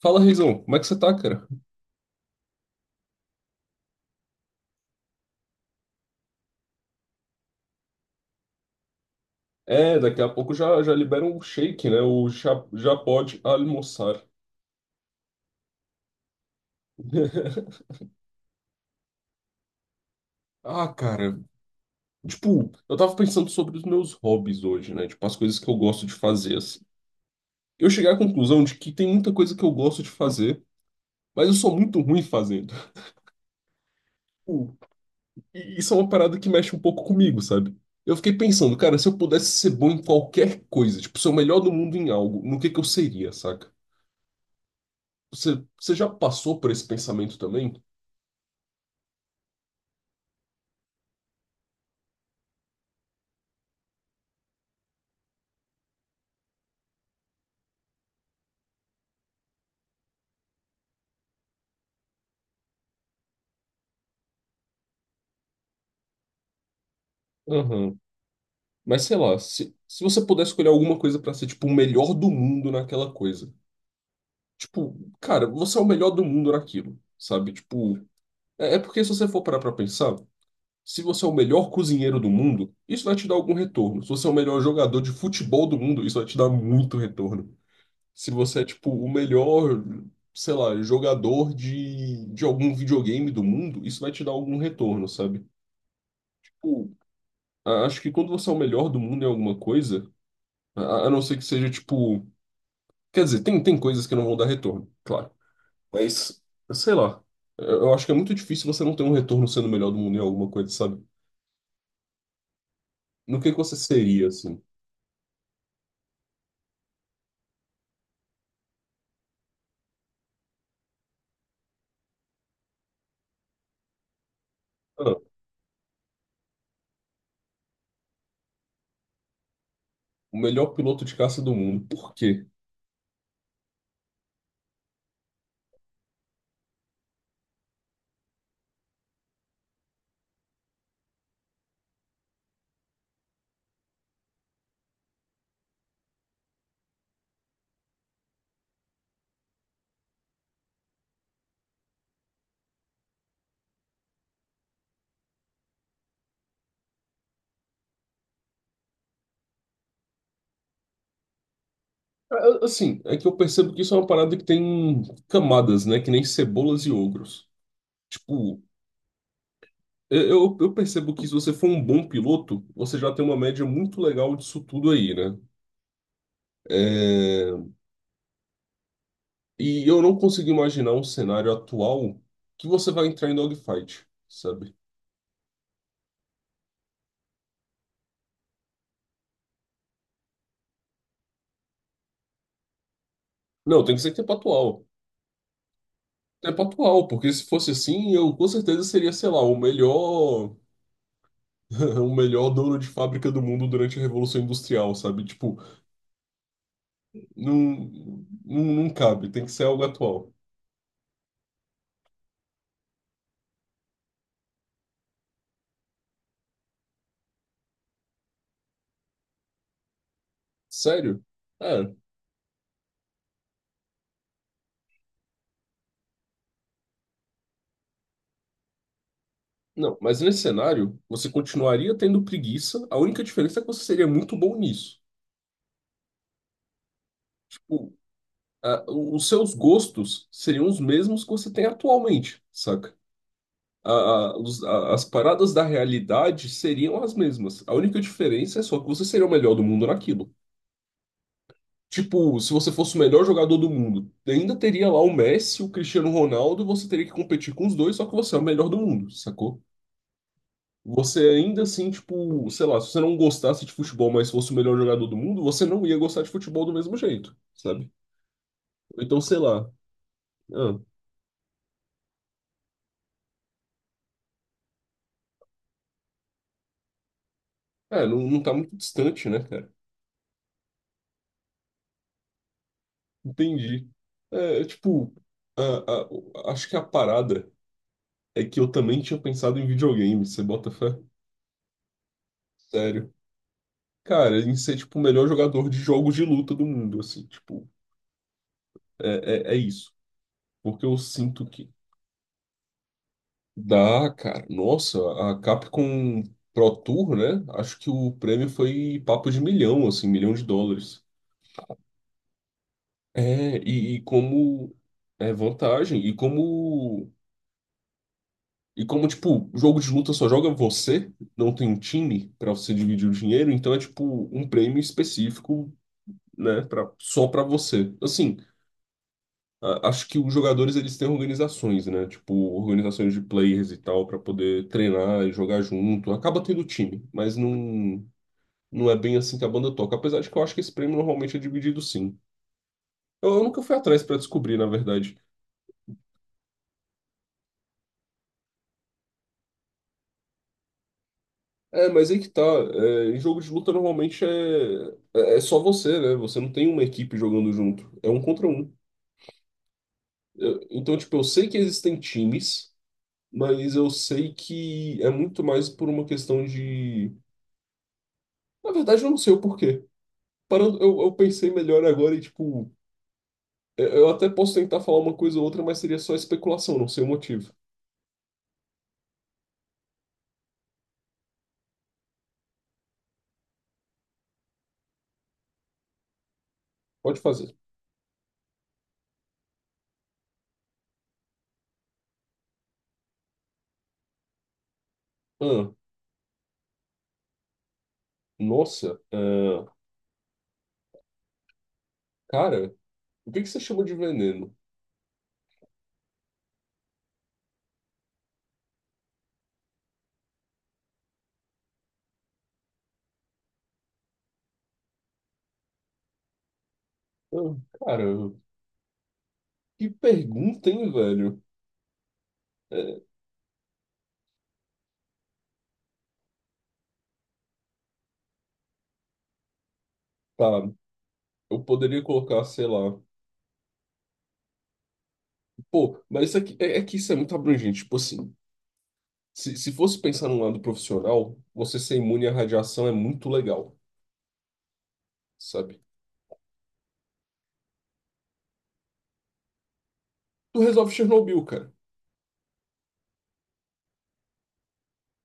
Fala, Reizão, como é que você tá, cara? É, daqui a pouco já, já libera um shake, né? O já, já pode almoçar. Ah, cara, tipo, eu tava pensando sobre os meus hobbies hoje, né? Tipo, as coisas que eu gosto de fazer, assim. Eu cheguei à conclusão de que tem muita coisa que eu gosto de fazer, mas eu sou muito ruim fazendo. Tipo, e isso é uma parada que mexe um pouco comigo, sabe? Eu fiquei pensando, cara, se eu pudesse ser bom em qualquer coisa, tipo, ser o melhor do mundo em algo, no que eu seria, saca? Você já passou por esse pensamento também? Aham. Mas sei lá, se você pudesse escolher alguma coisa pra ser, tipo, o melhor do mundo naquela coisa. Tipo, cara, você é o melhor do mundo naquilo, sabe? Tipo, é porque se você for parar pra pensar, se você é o melhor cozinheiro do mundo, isso vai te dar algum retorno. Se você é o melhor jogador de futebol do mundo, isso vai te dar muito retorno. Se você é, tipo, o melhor, sei lá, jogador de algum videogame do mundo, isso vai te dar algum retorno, sabe? Tipo, acho que quando você é o melhor do mundo em alguma coisa. A não ser que seja tipo. Quer dizer, tem coisas que não vão dar retorno, claro. Mas, sei lá. Eu acho que é muito difícil você não ter um retorno sendo o melhor do mundo em alguma coisa, sabe? No que você seria, assim? Ah, o melhor piloto de caça do mundo. Por quê? Ah, assim, é que eu percebo que isso é uma parada que tem camadas, né? Que nem cebolas e ogros. Tipo, eu percebo que se você for um bom piloto, você já tem uma média muito legal disso tudo aí, né? É. E eu não consigo imaginar um cenário atual que você vai entrar em dogfight, sabe? Não, tem que ser tempo atual. Tempo atual, porque se fosse assim, eu com certeza seria, sei lá, o melhor, o melhor dono de fábrica do mundo durante a Revolução Industrial, sabe? Tipo, não, não cabe, tem que ser algo atual. Sério? É. Não, mas nesse cenário, você continuaria tendo preguiça, a única diferença é que você seria muito bom nisso. Tipo, ah, os seus gostos seriam os mesmos que você tem atualmente, saca? As paradas da realidade seriam as mesmas. A única diferença é só que você seria o melhor do mundo naquilo. Tipo, se você fosse o melhor jogador do mundo, ainda teria lá o Messi, o Cristiano Ronaldo, e você teria que competir com os dois, só que você é o melhor do mundo, sacou? Você ainda assim, tipo, sei lá, se você não gostasse de futebol, mas fosse o melhor jogador do mundo, você não ia gostar de futebol do mesmo jeito, sabe? Então, sei lá. Ah, é, não tá muito distante, né, cara? Entendi. É, tipo, a- acho que a parada é que eu também tinha pensado em videogame, você bota fé? Sério. Cara, em ser, tipo, o melhor jogador de jogos de luta do mundo, assim, tipo, é isso. Porque eu sinto que dá, cara. Nossa, a Capcom Pro Tour, né? Acho que o prêmio foi papo de milhão, assim, milhão de dólares. É, e como é vantagem, e como, tipo, jogo de luta só joga você, não tem um time pra você dividir o dinheiro, então é, tipo, um prêmio específico, né, pra, só pra você. Assim, acho que os jogadores, eles têm organizações, né, tipo, organizações de players e tal, pra poder treinar e jogar junto. Acaba tendo time, mas não é bem assim que a banda toca. Apesar de que eu acho que esse prêmio normalmente é dividido sim. Eu nunca fui atrás pra descobrir, na verdade. É, mas aí que tá. É, em jogo de luta normalmente é, é só você, né? Você não tem uma equipe jogando junto. É um contra um. Então, tipo, eu sei que existem times, mas eu sei que é muito mais por uma questão de. Na verdade, eu não sei o porquê. Parando, eu pensei melhor agora e, tipo, eu até posso tentar falar uma coisa ou outra, mas seria só especulação, não sei o motivo. Pode fazer. Ah, nossa, ah, cara, o que que você chama de veneno? Ah, cara, que pergunta, hein, velho? É, tá, eu poderia colocar, sei lá. Pô, mas isso aqui, é que isso é muito abrangente. Tipo assim, se fosse pensar num lado profissional, você ser imune à radiação é muito legal, sabe? Tu resolve Chernobyl, cara.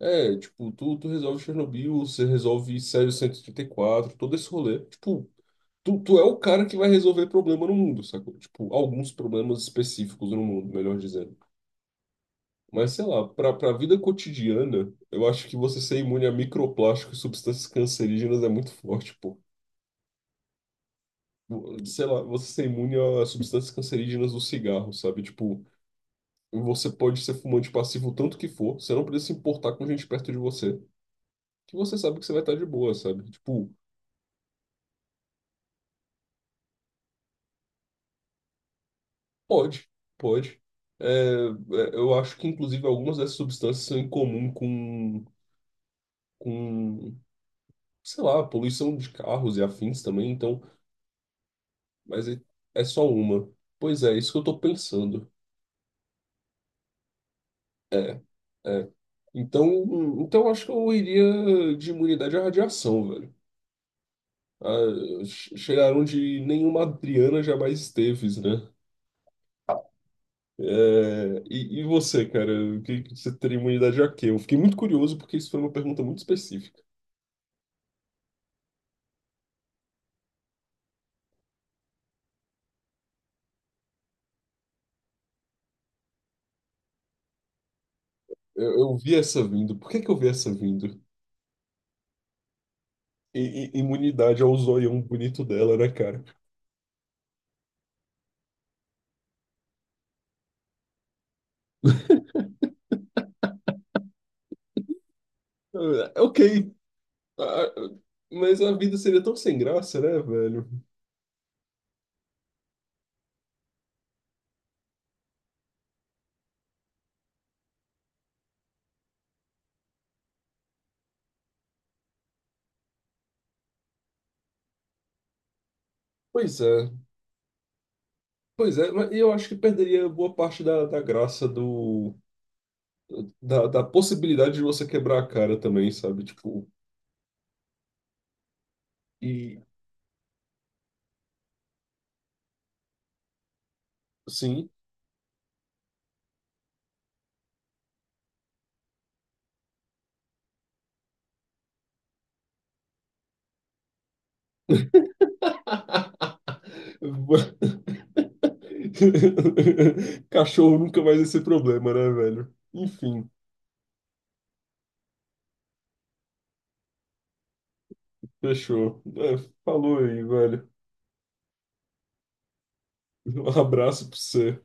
É, tipo, tu resolve Chernobyl, você resolve sério cento e trinta e quatro todo esse rolê. Tipo, tu é o cara que vai resolver problema no mundo, sacou? Tipo, alguns problemas específicos no mundo, melhor dizendo. Mas sei lá, para a vida cotidiana, eu acho que você ser imune a microplásticos e substâncias cancerígenas é muito forte, pô. Sei lá, você ser imune a substâncias cancerígenas do cigarro, sabe? Tipo, você pode ser fumante passivo o tanto que for, você não precisa se importar com gente perto de você, que você sabe que você vai estar de boa, sabe? Tipo, pode, pode. É, eu acho que, inclusive, algumas dessas substâncias são em comum com, sei lá, poluição de carros e afins também, então. Mas é só uma. Pois é, isso que eu tô pensando. É. Então, então, eu acho que eu iria de imunidade à radiação, velho. Ah, chegar onde nenhuma Adriana jamais esteve, né? É, e você, cara? O que você teria imunidade a quê? Eu fiquei muito curioso porque isso foi uma pergunta muito específica. Eu vi essa vindo. Por que que eu vi essa vindo? Imunidade ao zoião bonito dela, né, cara? Ah, ok. Ah, mas a vida seria tão sem graça, né, velho? Pois é, pois é, mas eu acho que perderia boa parte da graça do, da possibilidade de você quebrar a cara também, sabe? Tipo, e sim. Cachorro nunca mais esse problema, né, velho? Enfim, fechou. É, falou aí, velho. Um abraço pra você.